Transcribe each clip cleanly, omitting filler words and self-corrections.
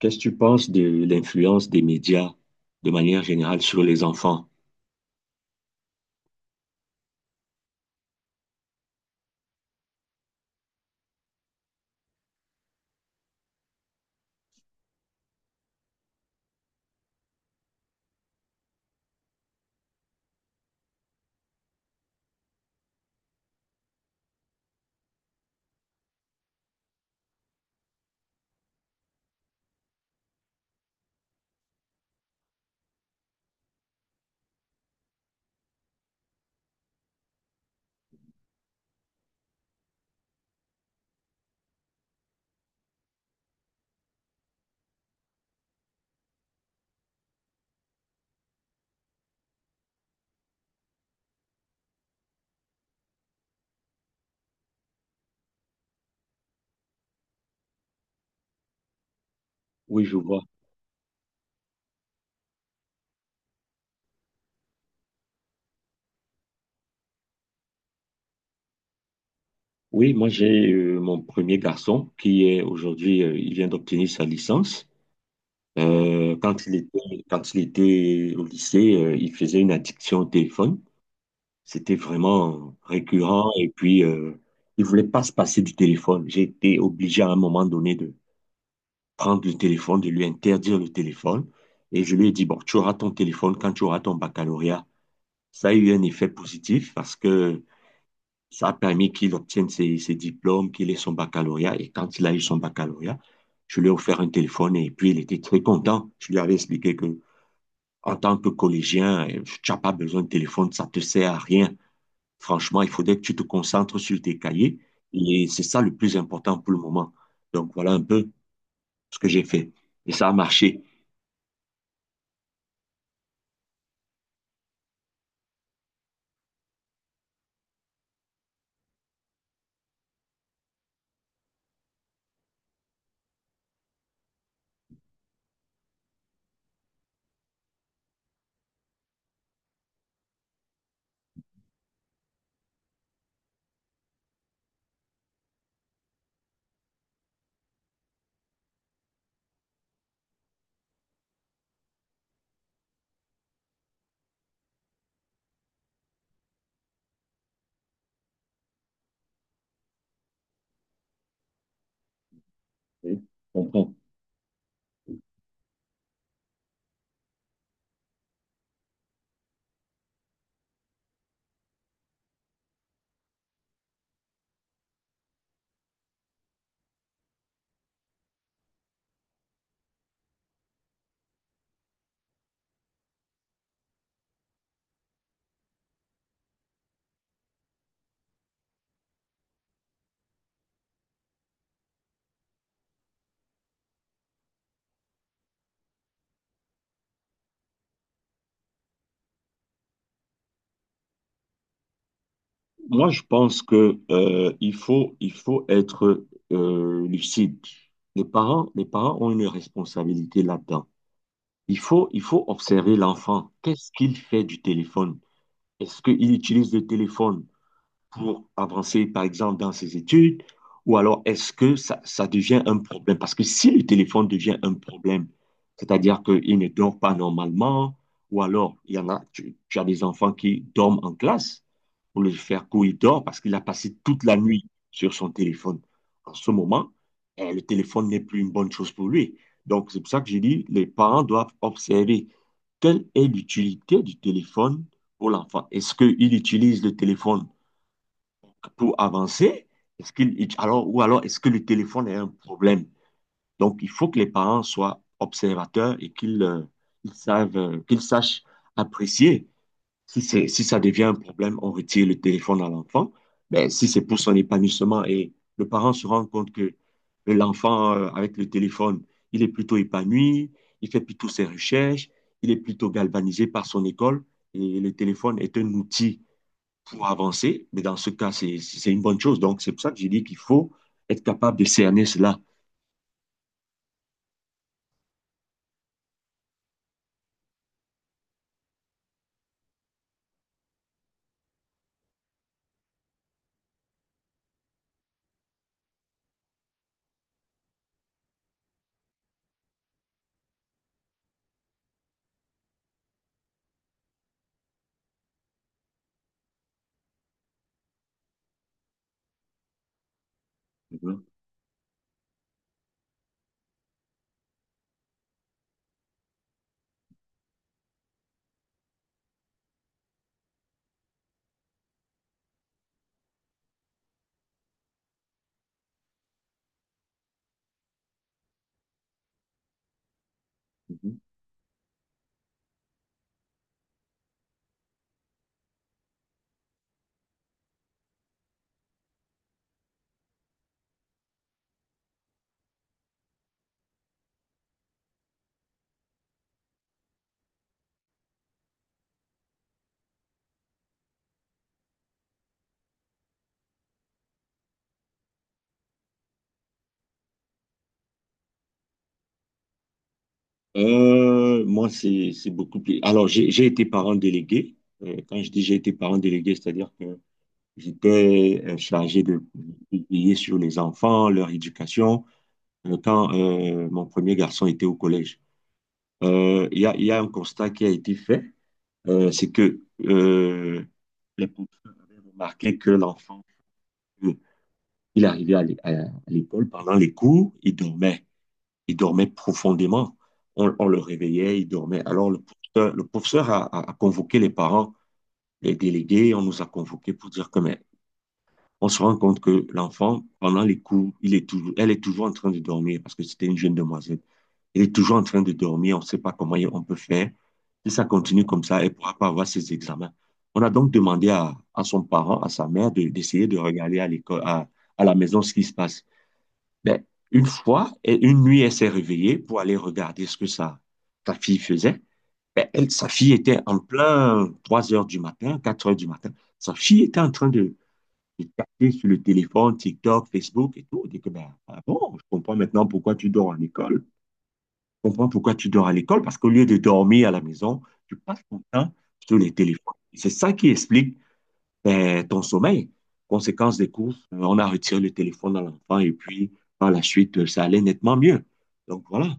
Qu'est-ce que tu penses de l'influence des médias de manière générale sur les enfants? Oui, je vois. Oui, moi j'ai mon premier garçon qui est aujourd'hui, il vient d'obtenir sa licence. Quand il était au lycée, il faisait une addiction au téléphone. C'était vraiment récurrent et puis il voulait pas se passer du téléphone. J'ai été obligé à un moment donné de prendre le téléphone, de lui interdire le téléphone. Et je lui ai dit, bon, tu auras ton téléphone quand tu auras ton baccalauréat. Ça a eu un effet positif parce que ça a permis qu'il obtienne ses diplômes, qu'il ait son baccalauréat. Et quand il a eu son baccalauréat, je lui ai offert un téléphone et puis il était très content. Je lui avais expliqué que en tant que collégien, tu n'as pas besoin de téléphone, ça te sert à rien. Franchement, il faudrait que tu te concentres sur tes cahiers et c'est ça le plus important pour le moment. Donc voilà un peu ce que j'ai fait et ça a marché. On moi, je pense que il faut être lucide. Les parents ont une responsabilité là-dedans. Il faut observer l'enfant. Qu'est-ce qu'il fait du téléphone? Est-ce qu'il utilise le téléphone pour avancer, par exemple, dans ses études? Ou alors est-ce que ça devient un problème? Parce que si le téléphone devient un problème, c'est-à-dire qu'il ne dort pas normalement, ou alors il y en a, tu as des enfants qui dorment en classe, pour le faire courir il dort parce qu'il a passé toute la nuit sur son téléphone. En ce moment, eh, le téléphone n'est plus une bonne chose pour lui. Donc c'est pour ça que je dis, les parents doivent observer quelle est l'utilité du téléphone pour l'enfant. Est-ce qu'il utilise le téléphone pour avancer? Est-ce qu'il, alors, ou alors, est-ce que le téléphone est un problème? Donc, il faut que les parents soient observateurs et qu'ils ils savent, qu'ils sachent apprécier. Si c'est, si ça devient un problème, on retire le téléphone à l'enfant. Mais si c'est pour son épanouissement et le parent se rend compte que l'enfant, avec le téléphone, il est plutôt épanoui, il fait plutôt ses recherches, il est plutôt galvanisé par son école et le téléphone est un outil pour avancer. Mais dans ce cas, c'est une bonne chose. Donc, c'est pour ça que j'ai dit qu'il faut être capable de cerner cela. Mhm, mhm. Moi, c'est beaucoup plus. Alors, j'ai été parent délégué. Quand je dis j'ai été parent délégué, c'est-à-dire que j'étais chargé de veiller sur les enfants, leur éducation, quand mon premier garçon était au collège. Il y a un constat qui a été fait, c'est que les professeurs avaient remarqué que l'enfant euh, il arrivait à l'école pendant les cours, il dormait. Il dormait profondément. On le réveillait, il dormait. Alors, le professeur a convoqué les parents, les délégués, on nous a convoqués pour dire que, mais on se rend compte que l'enfant, pendant les cours, elle est toujours en train de dormir parce que c'était une jeune demoiselle. Elle est toujours en train de dormir, on ne sait pas comment on peut faire. Si ça continue comme ça, elle ne pourra pas avoir ses examens. On a donc demandé à son parent, à sa mère, d'essayer de regarder l'école, à la maison ce qui se passe. Ben, une fois, et une nuit, elle s'est réveillée pour aller regarder ce que sa fille faisait. Ben, elle, sa fille était en plein 3 heures du matin, 4 heures du matin. Sa fille était en train de taper sur le téléphone, TikTok, Facebook et tout. On dit que, ben, ah bon, je comprends maintenant pourquoi tu dors à l'école. Je comprends pourquoi tu dors à l'école parce qu'au lieu de dormir à la maison, tu passes ton temps sur les téléphones. C'est ça qui explique ben, ton sommeil. Conséquence des courses, on a retiré le téléphone à l'enfant et puis par la suite, ça allait nettement mieux. Donc voilà,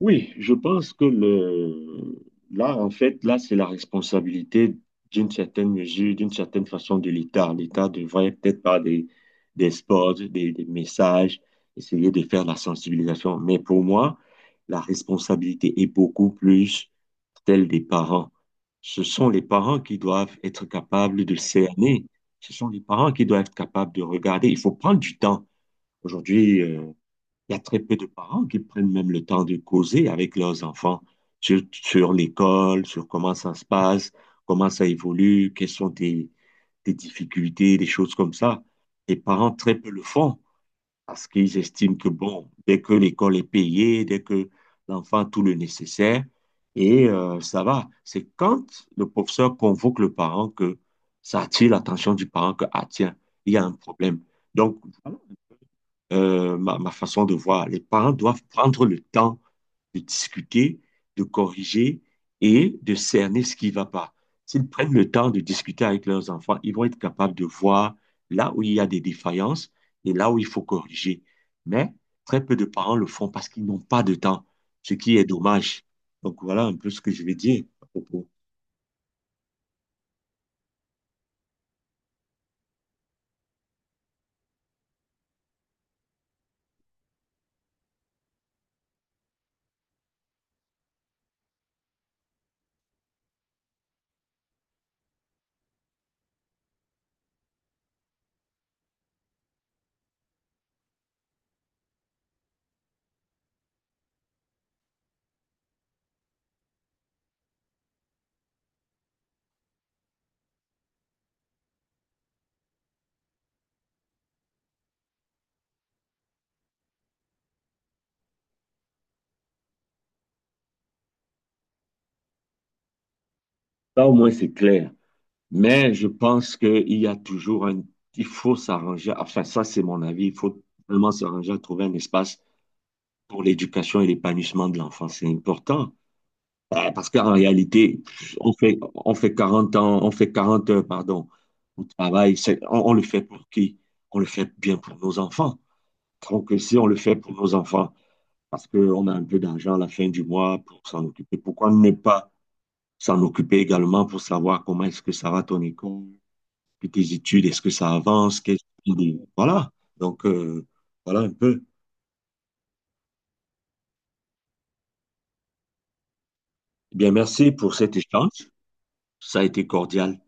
oui, je pense que le, là, en fait, là, c'est la responsabilité d'une certaine mesure, d'une certaine façon de l'État. L'État devrait peut-être par des spots, des messages, essayer de faire la sensibilisation. Mais pour moi, la responsabilité est beaucoup plus celle des parents. Ce sont les parents qui doivent être capables de cerner. Ce sont les parents qui doivent être capables de regarder. Il faut prendre du temps. Aujourd'hui, il y a très peu de parents qui prennent même le temps de causer avec leurs enfants sur l'école, sur comment ça se passe, comment ça évolue, quelles sont tes difficultés, des choses comme ça. Les parents très peu le font parce qu'ils estiment que, bon, dès que l'école est payée, dès que l'enfant a tout le nécessaire, et ça va. C'est quand le professeur convoque le parent que ça attire l'attention du parent que, ah tiens, il y a un problème. Donc, voilà ma façon de voir. Les parents doivent prendre le temps de discuter, de corriger et de cerner ce qui ne va pas. S'ils prennent le temps de discuter avec leurs enfants, ils vont être capables de voir là où il y a des défaillances et là où il faut corriger. Mais très peu de parents le font parce qu'ils n'ont pas de temps, ce qui est dommage. Donc voilà un peu ce que je vais dire à propos. Ça au moins c'est clair. Mais je pense qu'il y a toujours un... Il faut s'arranger, enfin ça c'est mon avis, il faut vraiment s'arranger à trouver un espace pour l'éducation et l'épanouissement de l'enfant. C'est important. Parce qu'en réalité, on fait 40 ans, on fait 40 heures, pardon, au travail. On le fait pour qui? On le fait bien pour nos enfants. Donc si on le fait pour nos enfants, parce qu'on a un peu d'argent à la fin du mois pour s'en occuper, pourquoi ne pas s'en occuper également pour savoir comment est-ce que ça va ton école? Puis tes études, est-ce que ça avance? Voilà. Donc, voilà un peu. Eh bien, merci pour cet échange. Ça a été cordial.